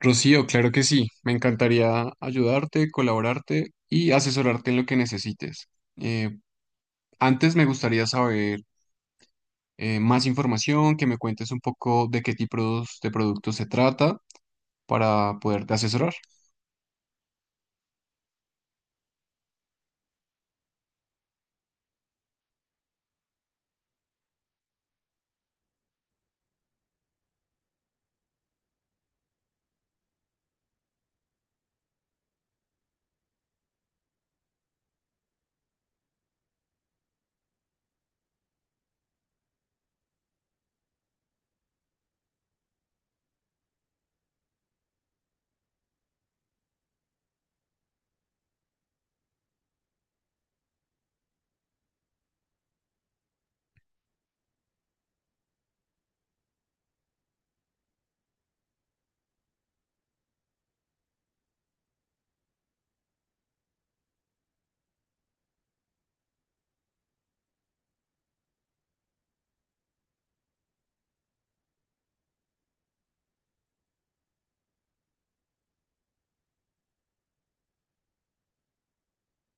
Rocío, claro que sí. Me encantaría ayudarte, colaborarte y asesorarte en lo que necesites. Eh, Antes me gustaría saber más información, que me cuentes un poco de qué tipos de productos se trata para poderte asesorar.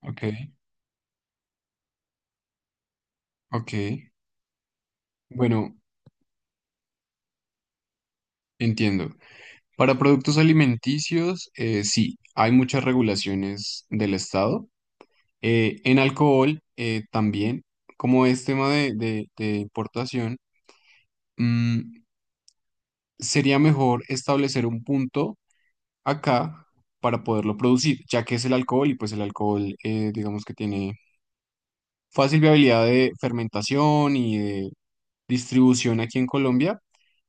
Ok, ok. Bueno, entiendo. Para productos alimenticios, sí, hay muchas regulaciones del Estado. En alcohol, también, como es tema de importación. Mm, sería mejor establecer un punto acá para poderlo producir, ya que es el alcohol y pues el alcohol digamos que tiene fácil viabilidad de fermentación y de distribución aquí en Colombia.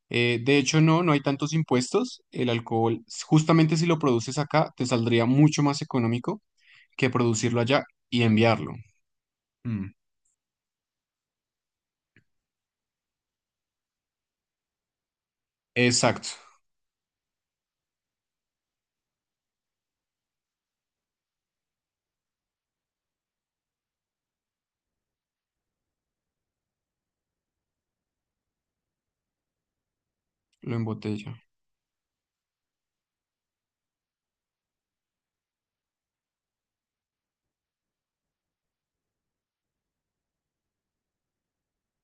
De hecho, no, no hay tantos impuestos. El alcohol, justamente si lo produces acá, te saldría mucho más económico que producirlo allá y enviarlo. Mm, exacto, lo embotella.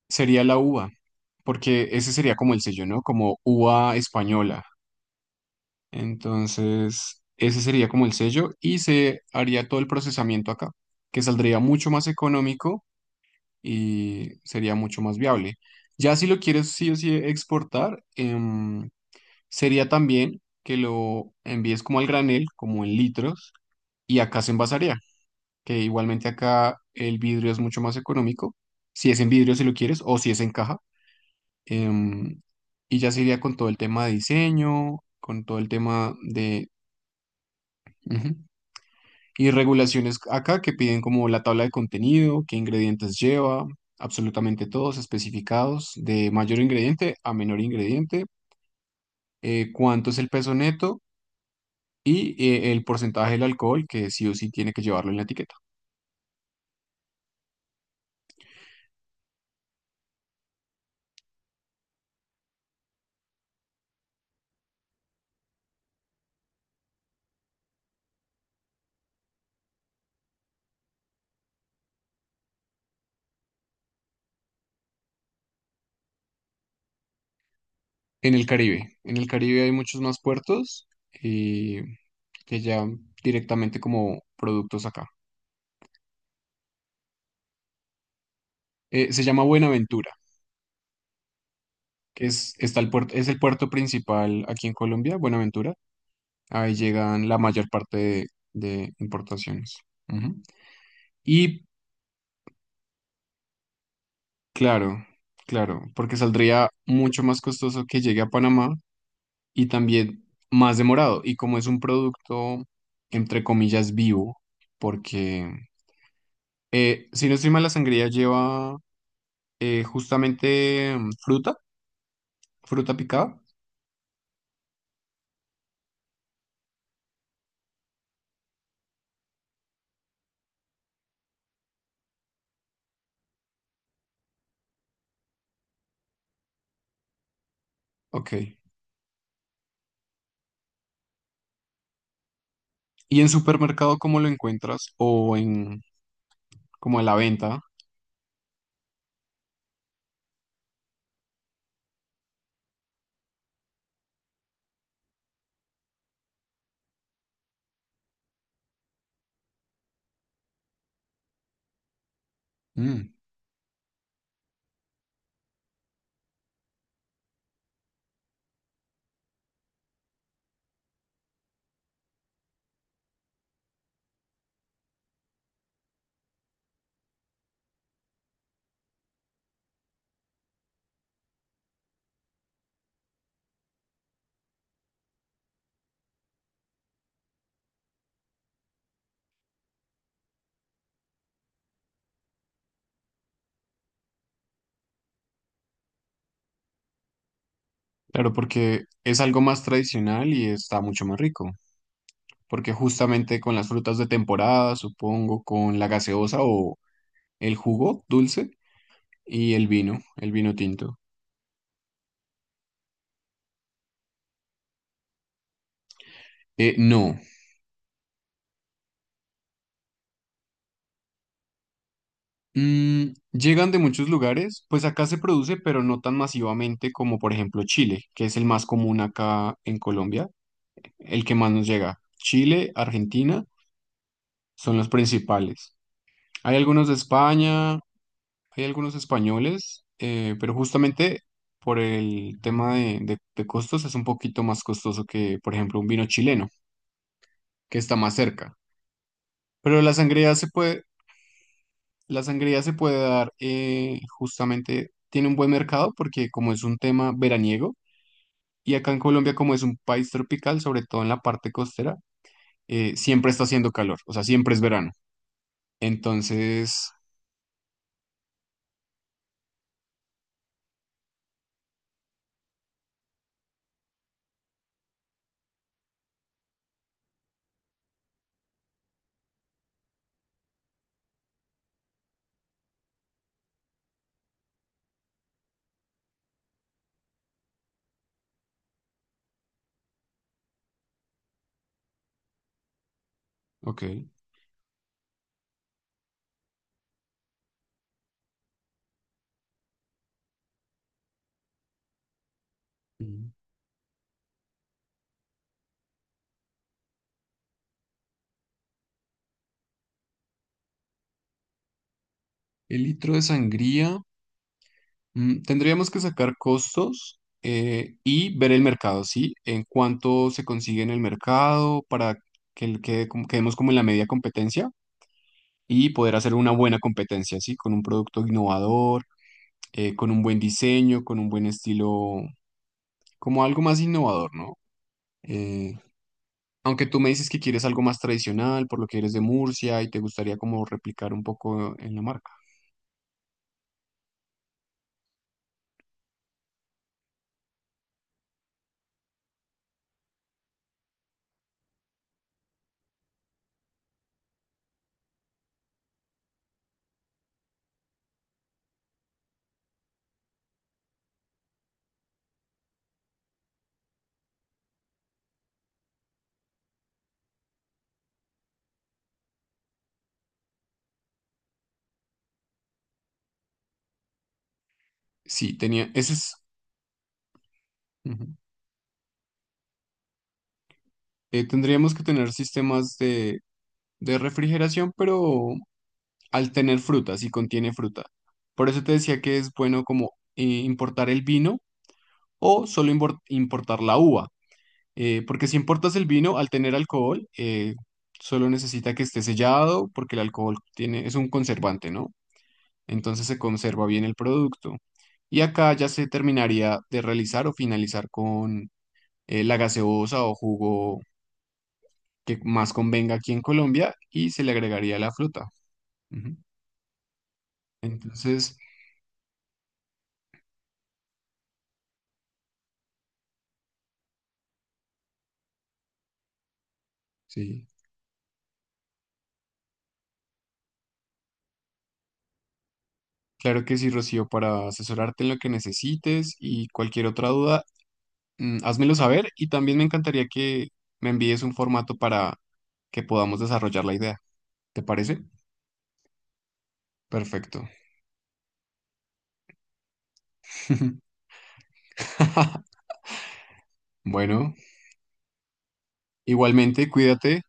Sería la uva, porque ese sería como el sello, ¿no? Como uva española. Entonces, ese sería como el sello y se haría todo el procesamiento acá, que saldría mucho más económico y sería mucho más viable. Ya si lo quieres sí o sí exportar, sería también que lo envíes como al granel, como en litros, y acá se envasaría, que igualmente acá el vidrio es mucho más económico, si es en vidrio si lo quieres o si es en caja. em, y ya se iría con todo el tema de diseño, con todo el tema de... Ujú. Y regulaciones acá que piden como la tabla de contenido, qué ingredientes lleva, absolutamente todos especificados, de mayor ingrediente a menor ingrediente, cuánto es el peso neto y el porcentaje del alcohol que sí o sí tiene que llevarlo en la etiqueta. En el Caribe hay muchos más puertos eh, que ya directamente como productos acá. Se llama Buenaventura, que es, está el puerto, es el puerto principal aquí en Colombia, Buenaventura. Ahí llegan la mayor parte de importaciones. Ujú. Y claro, claro, porque saldría mucho más costoso que llegue a Panamá y también más demorado. Y como es un producto, entre comillas, vivo, porque si no estoy mal, la sangría lleva justamente fruta, fruta picada. Ok. ¿Y en supermercado cómo lo encuentras? O en como a la venta. Mm. Claro, porque es algo más tradicional y está mucho más rico, porque justamente con las frutas de temporada, supongo, con la gaseosa o el jugo dulce y el vino tinto. No, mm, llegan de muchos lugares, pues acá se produce, pero no tan masivamente como por ejemplo Chile, que es el más común acá en Colombia, el que más nos llega. Chile, Argentina son los principales. Hay algunos de España, hay algunos españoles, pero justamente por el tema de costos es un poquito más costoso que, por ejemplo, un vino chileno, que está más cerca. Pero la sangría se puede, la sangría se puede dar justamente, tiene un buen mercado porque como es un tema veraniego, y acá en Colombia como es un país tropical, sobre todo en la parte costera, siempre está haciendo calor, o sea, siempre es verano. Entonces, ok. Mm. El litro de sangría. Mm, tendríamos que sacar costos y ver el mercado, ¿sí? En cuánto se consigue en el mercado para que quede quedemos como en la media competencia y poder hacer una buena competencia, ¿sí? Con un producto innovador, con un buen diseño, con un buen estilo, como algo más innovador, ¿no? Eh, Aunque tú me dices que quieres algo más tradicional, por lo que eres de Murcia y te gustaría como replicar un poco en la marca. Sí, tenía, ese es... Ujú. Tendríamos que tener sistemas de refrigeración, pero al tener fruta, si contiene fruta. Por eso te decía que es bueno como importar el vino o solo importar la uva, porque si importas el vino, al tener alcohol, solo necesita que esté sellado, porque el alcohol tiene, es un conservante, ¿no? Entonces se conserva bien el producto. Y acá ya se terminaría de realizar o finalizar con la gaseosa o jugo que más convenga aquí en Colombia y se le agregaría la fruta. Ujú. Entonces, sí, claro que sí, Rocío, para asesorarte en lo que necesites y cualquier otra duda, házmelo saber y también me encantaría que me envíes un formato para que podamos desarrollar la idea. ¿Te parece? Perfecto. Bueno, igualmente, cuídate.